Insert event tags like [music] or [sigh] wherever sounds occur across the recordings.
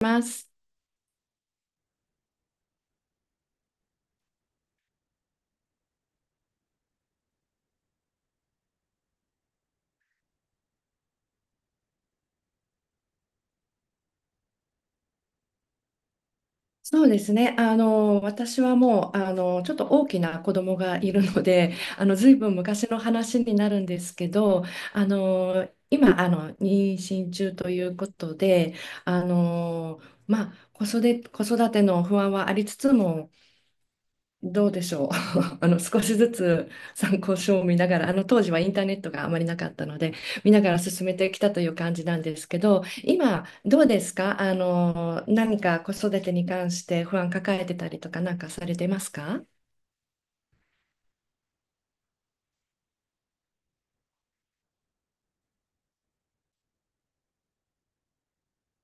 ます。そうですね。私はもう、ちょっと大きな子供がいるので、[laughs] ずいぶん昔の話になるんですけど、今、妊娠中ということで、まあ、子育ての不安はありつつも、どうでしょう。[laughs] 少しずつ参考書を見ながら、当時はインターネットがあまりなかったので、見ながら進めてきたという感じなんですけど、今どうですか？何か子育てに関して不安抱えてたりとかなんかされてますか？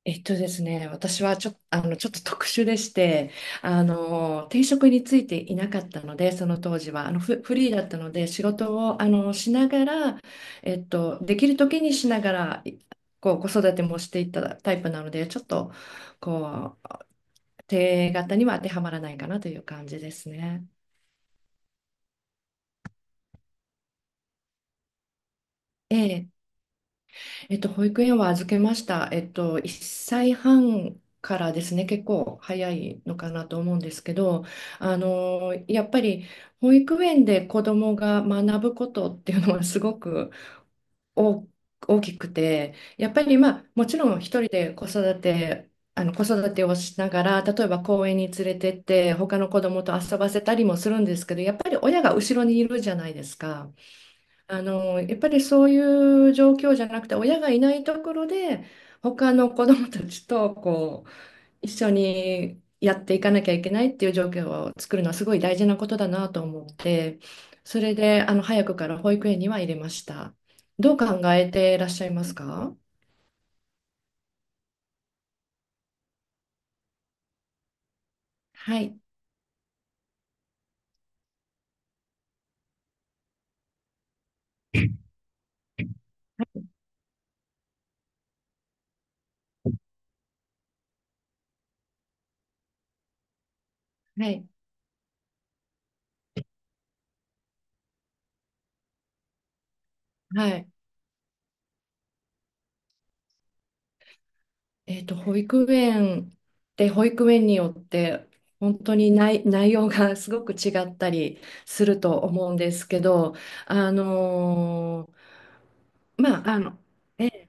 えっとですね、私はちょっと、ちょっと特殊でして、定職についていなかったので、その当時は、フリーだったので、仕事を、しながら、できる時にしながら、こう、子育てもしていったタイプなので、ちょっと、こう、定型には当てはまらないかなという感じですね。ええ保育園は預けました。1歳半からですね、結構早いのかなと思うんですけど、やっぱり保育園で子どもが学ぶことっていうのはすごく大、大きくて、やっぱりまあ、もちろん一人で子育て、子育てをしながら、例えば公園に連れてって、他の子どもと遊ばせたりもするんですけど、やっぱり親が後ろにいるじゃないですか。やっぱりそういう状況じゃなくて、親がいないところで、他の子どもたちとこう一緒にやっていかなきゃいけないっていう状況を作るのはすごい大事なことだなと思って、それで早くから保育園には入れました。どう考えていらっしゃいますか？はい、はい、はい。えっと、保育園保育園によって本当に内容が [laughs] すごく違ったりすると思うんですけど、あのまあ、え、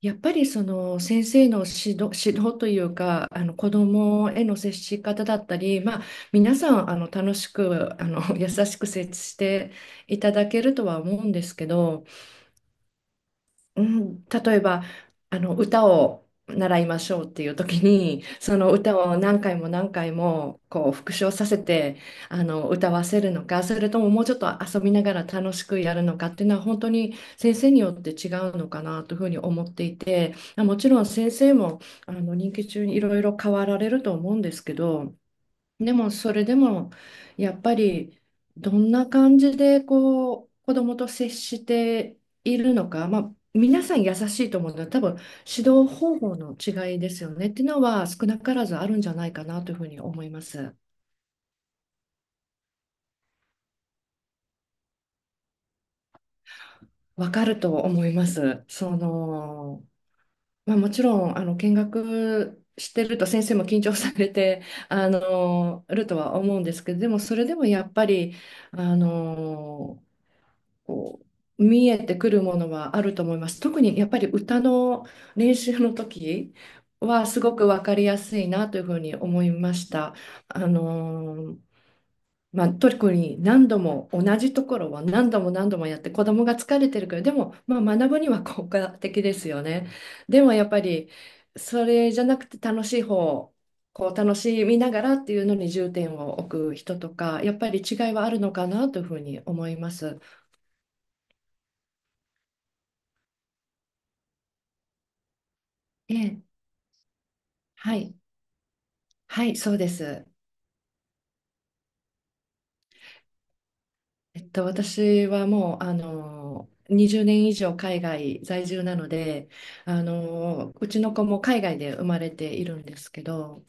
やっぱりその先生の指導というか、子どもへの接し方だったり、まあ、皆さん楽しく[laughs] 優しく接していただけるとは思うんですけど、うん、例えば歌を習いましょうっていう時にその歌を何回も何回もこう復唱させて歌わせるのかそれとももうちょっと遊びながら楽しくやるのかっていうのは本当に先生によって違うのかなというふうに思っていて、もちろん先生も任期中にいろいろ変わられると思うんですけど、でもそれでもやっぱりどんな感じでこう子どもと接しているのか、まあ、皆さん優しいと思うのは多分指導方法の違いですよねっていうのは少なからずあるんじゃないかなというふうに思います。わかると思います。その、まあ、もちろん見学してると先生も緊張されてるとは思うんですけど、でもそれでもやっぱりあのこう見えてくるものはあると思います。特にやっぱり歌の練習の時はすごく分かりやすいなというふうに思いました。あのーまあ、特に何度も同じところは何度も何度もやって子供が疲れてるけどでも、まあ、学ぶには効果的ですよね。でもやっぱりそれじゃなくて楽しい方こう楽しみながらっていうのに重点を置く人とかやっぱり違いはあるのかなというふうに思います。ええ、はいはい、そうです。私はもう、20年以上海外在住なので、うちの子も海外で生まれているんですけど、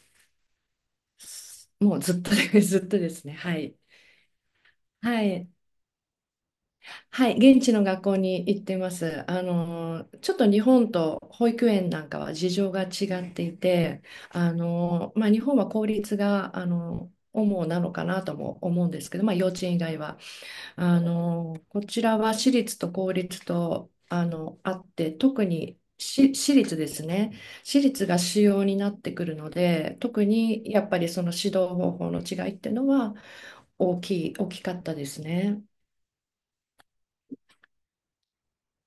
すもうずっとで [laughs] ずっとですね。はい。はい。はい。現地の学校に行ってます。ちょっと日本と保育園なんかは事情が違っていて、まあ、日本は公立が、主なのかなとも思うんですけど、まあ、幼稚園以外は。こちらは私立と公立と、あって、特に私立ですね。私立が主要になってくるので、特にやっぱりその指導方法の違いっていうのは大きかったですね。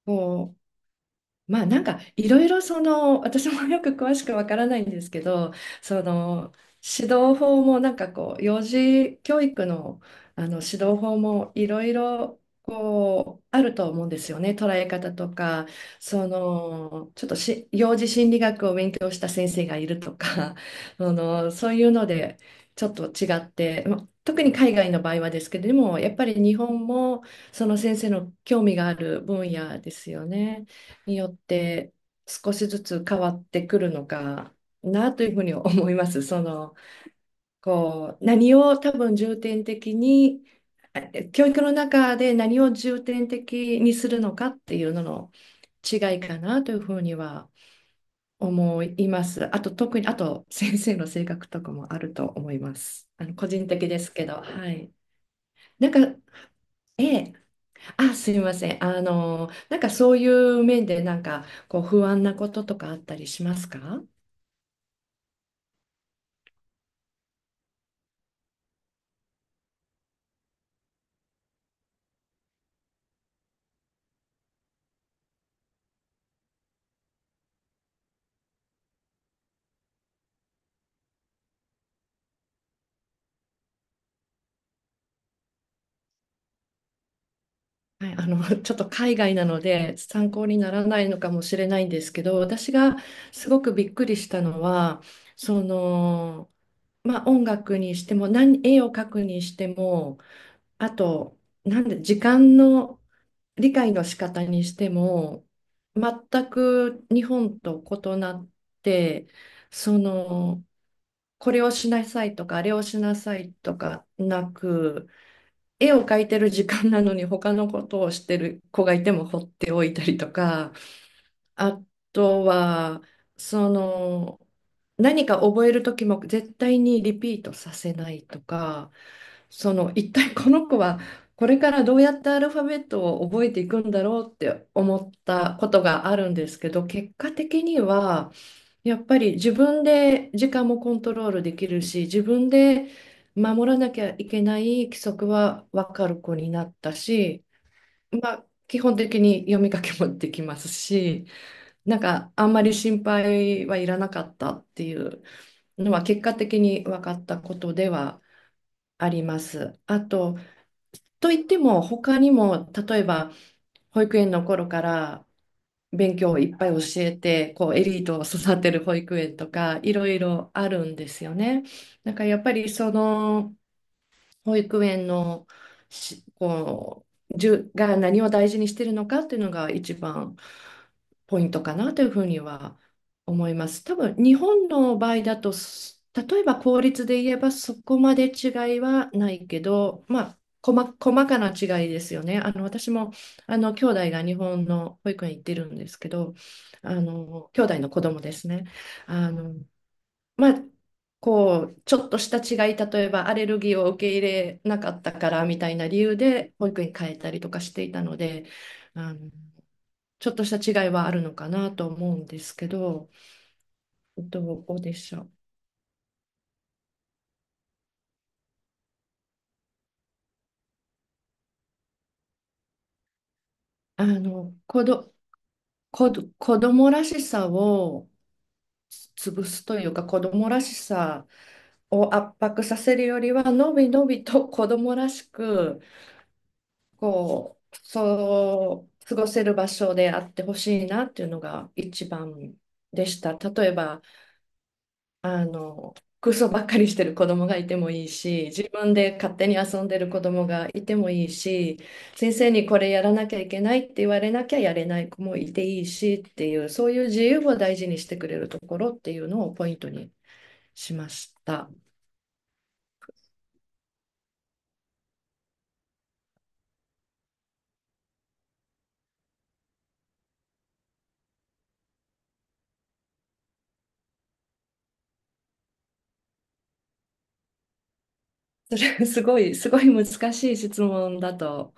こうまあなんかいろいろその私もよく詳しくわからないんですけど、その指導法もなんかこう幼児教育の、指導法もいろいろこうあると思うんですよね、捉え方とか、そのちょっと幼児心理学を勉強した先生がいるとか [laughs] そういうのでちょっと違って、まあ特に海外の場合はですけれどもやっぱり日本もその先生の興味がある分野ですよね。によって少しずつ変わってくるのかなというふうに思います。その、こう、何を多分重点的に、教育の中で何を重点的にするのかっていうのの違いかなというふうには思います。あと、特に、あと、先生の性格とかもあると思います。個人的ですけど、はい。なんか、ええ、あ、すいません。なんかそういう面で、なんかこう不安なこととかあったりしますか？はい、[laughs] ちょっと海外なので参考にならないのかもしれないんですけど、私がすごくびっくりしたのは、その、まあ音楽にしても、絵を描くにしても、あと、なんで、時間の理解の仕方にしても、全く日本と異なって、その、これをしなさいとか、あれをしなさいとかなく、絵を描いてる時間なのに他のことをしてる子がいても放っておいたりとか、あとは、その、何か覚える時も絶対にリピートさせないとか、その、一体この子はこれからどうやってアルファベットを覚えていくんだろうって思ったことがあるんですけど、結果的には、やっぱり自分で時間もコントロールできるし、自分で守らなきゃいけない規則は分かる子になったし、まあ、基本的に読み書きもできますし、なんかあんまり心配はいらなかったっていうのは結果的に分かったことではあります。あと、といっても他にも、例えば保育園の頃から勉強をいっぱい教えて、こうエリートを育てる保育園とかいろいろあるんですよね。なんかやっぱりその保育園のこう、が何を大事にしてるのかっていうのが一番ポイントかなというふうには思います。多分日本の場合だと、例えば公立で言えばそこまで違いはないけど、まあ、細かな違いですよね。私も兄弟が日本の保育園行ってるんですけど、兄弟の子供ですね。あのまあ、こう、ちょっとした違い、例えばアレルギーを受け入れなかったからみたいな理由で保育園変えたりとかしていたので、あの、ちょっとした違いはあるのかなと思うんですけど、どうでしょう。あの、子ど、子供らしさを潰すというか、子供らしさを圧迫させるよりは、のびのびと子供らしく、こう、そう、過ごせる場所であってほしいなっていうのが一番でした。例えば、あの、空想ばっかりしてる子供がいてもいいし、自分で勝手に遊んでる子供がいてもいいし、先生にこれやらなきゃいけないって言われなきゃやれない子もいていいしっていう、そういう自由を大事にしてくれるところっていうのをポイントにしました。それ [laughs] すごい、すごい難しい質問だと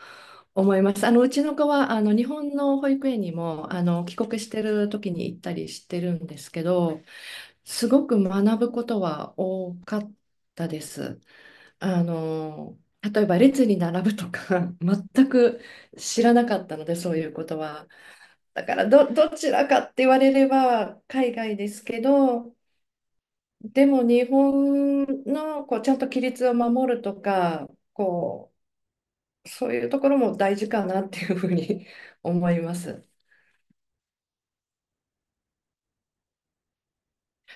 思います。うちの子は、日本の保育園にも、帰国してる時に行ったりしてるんですけど、すごく学ぶことは多かったです。あの、例えば列に並ぶとか、[laughs] 全く知らなかったので、そういうことは。だから、どちらかって言われれば、海外ですけど、でも日本のこうちゃんと規律を守るとか、こうそういうところも大事かなっていうふうに [laughs] 思います。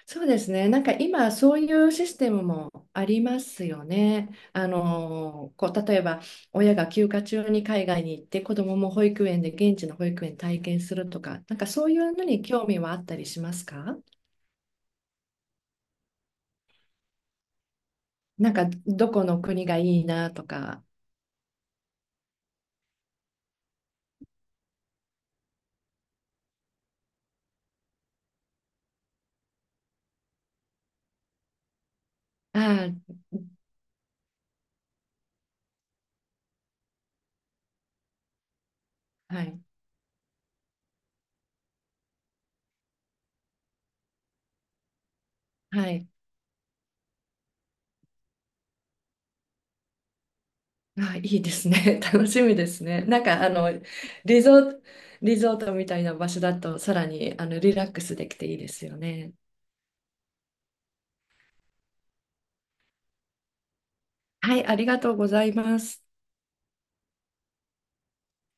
そうですね。なんか今そういうシステムもありますよね。こう例えば親が休暇中に海外に行って子どもも保育園で現地の保育園体験するとか、なんかそういうのに興味はあったりしますか？なんかどこの国がいいなとか。ああ、はい。はい。あ、いいですね。[laughs] 楽しみですね。なんかリゾート、リゾートみたいな場所だとさらにリラックスできていいですよね。はい、ありがとうございます。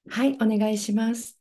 はい、お願いします。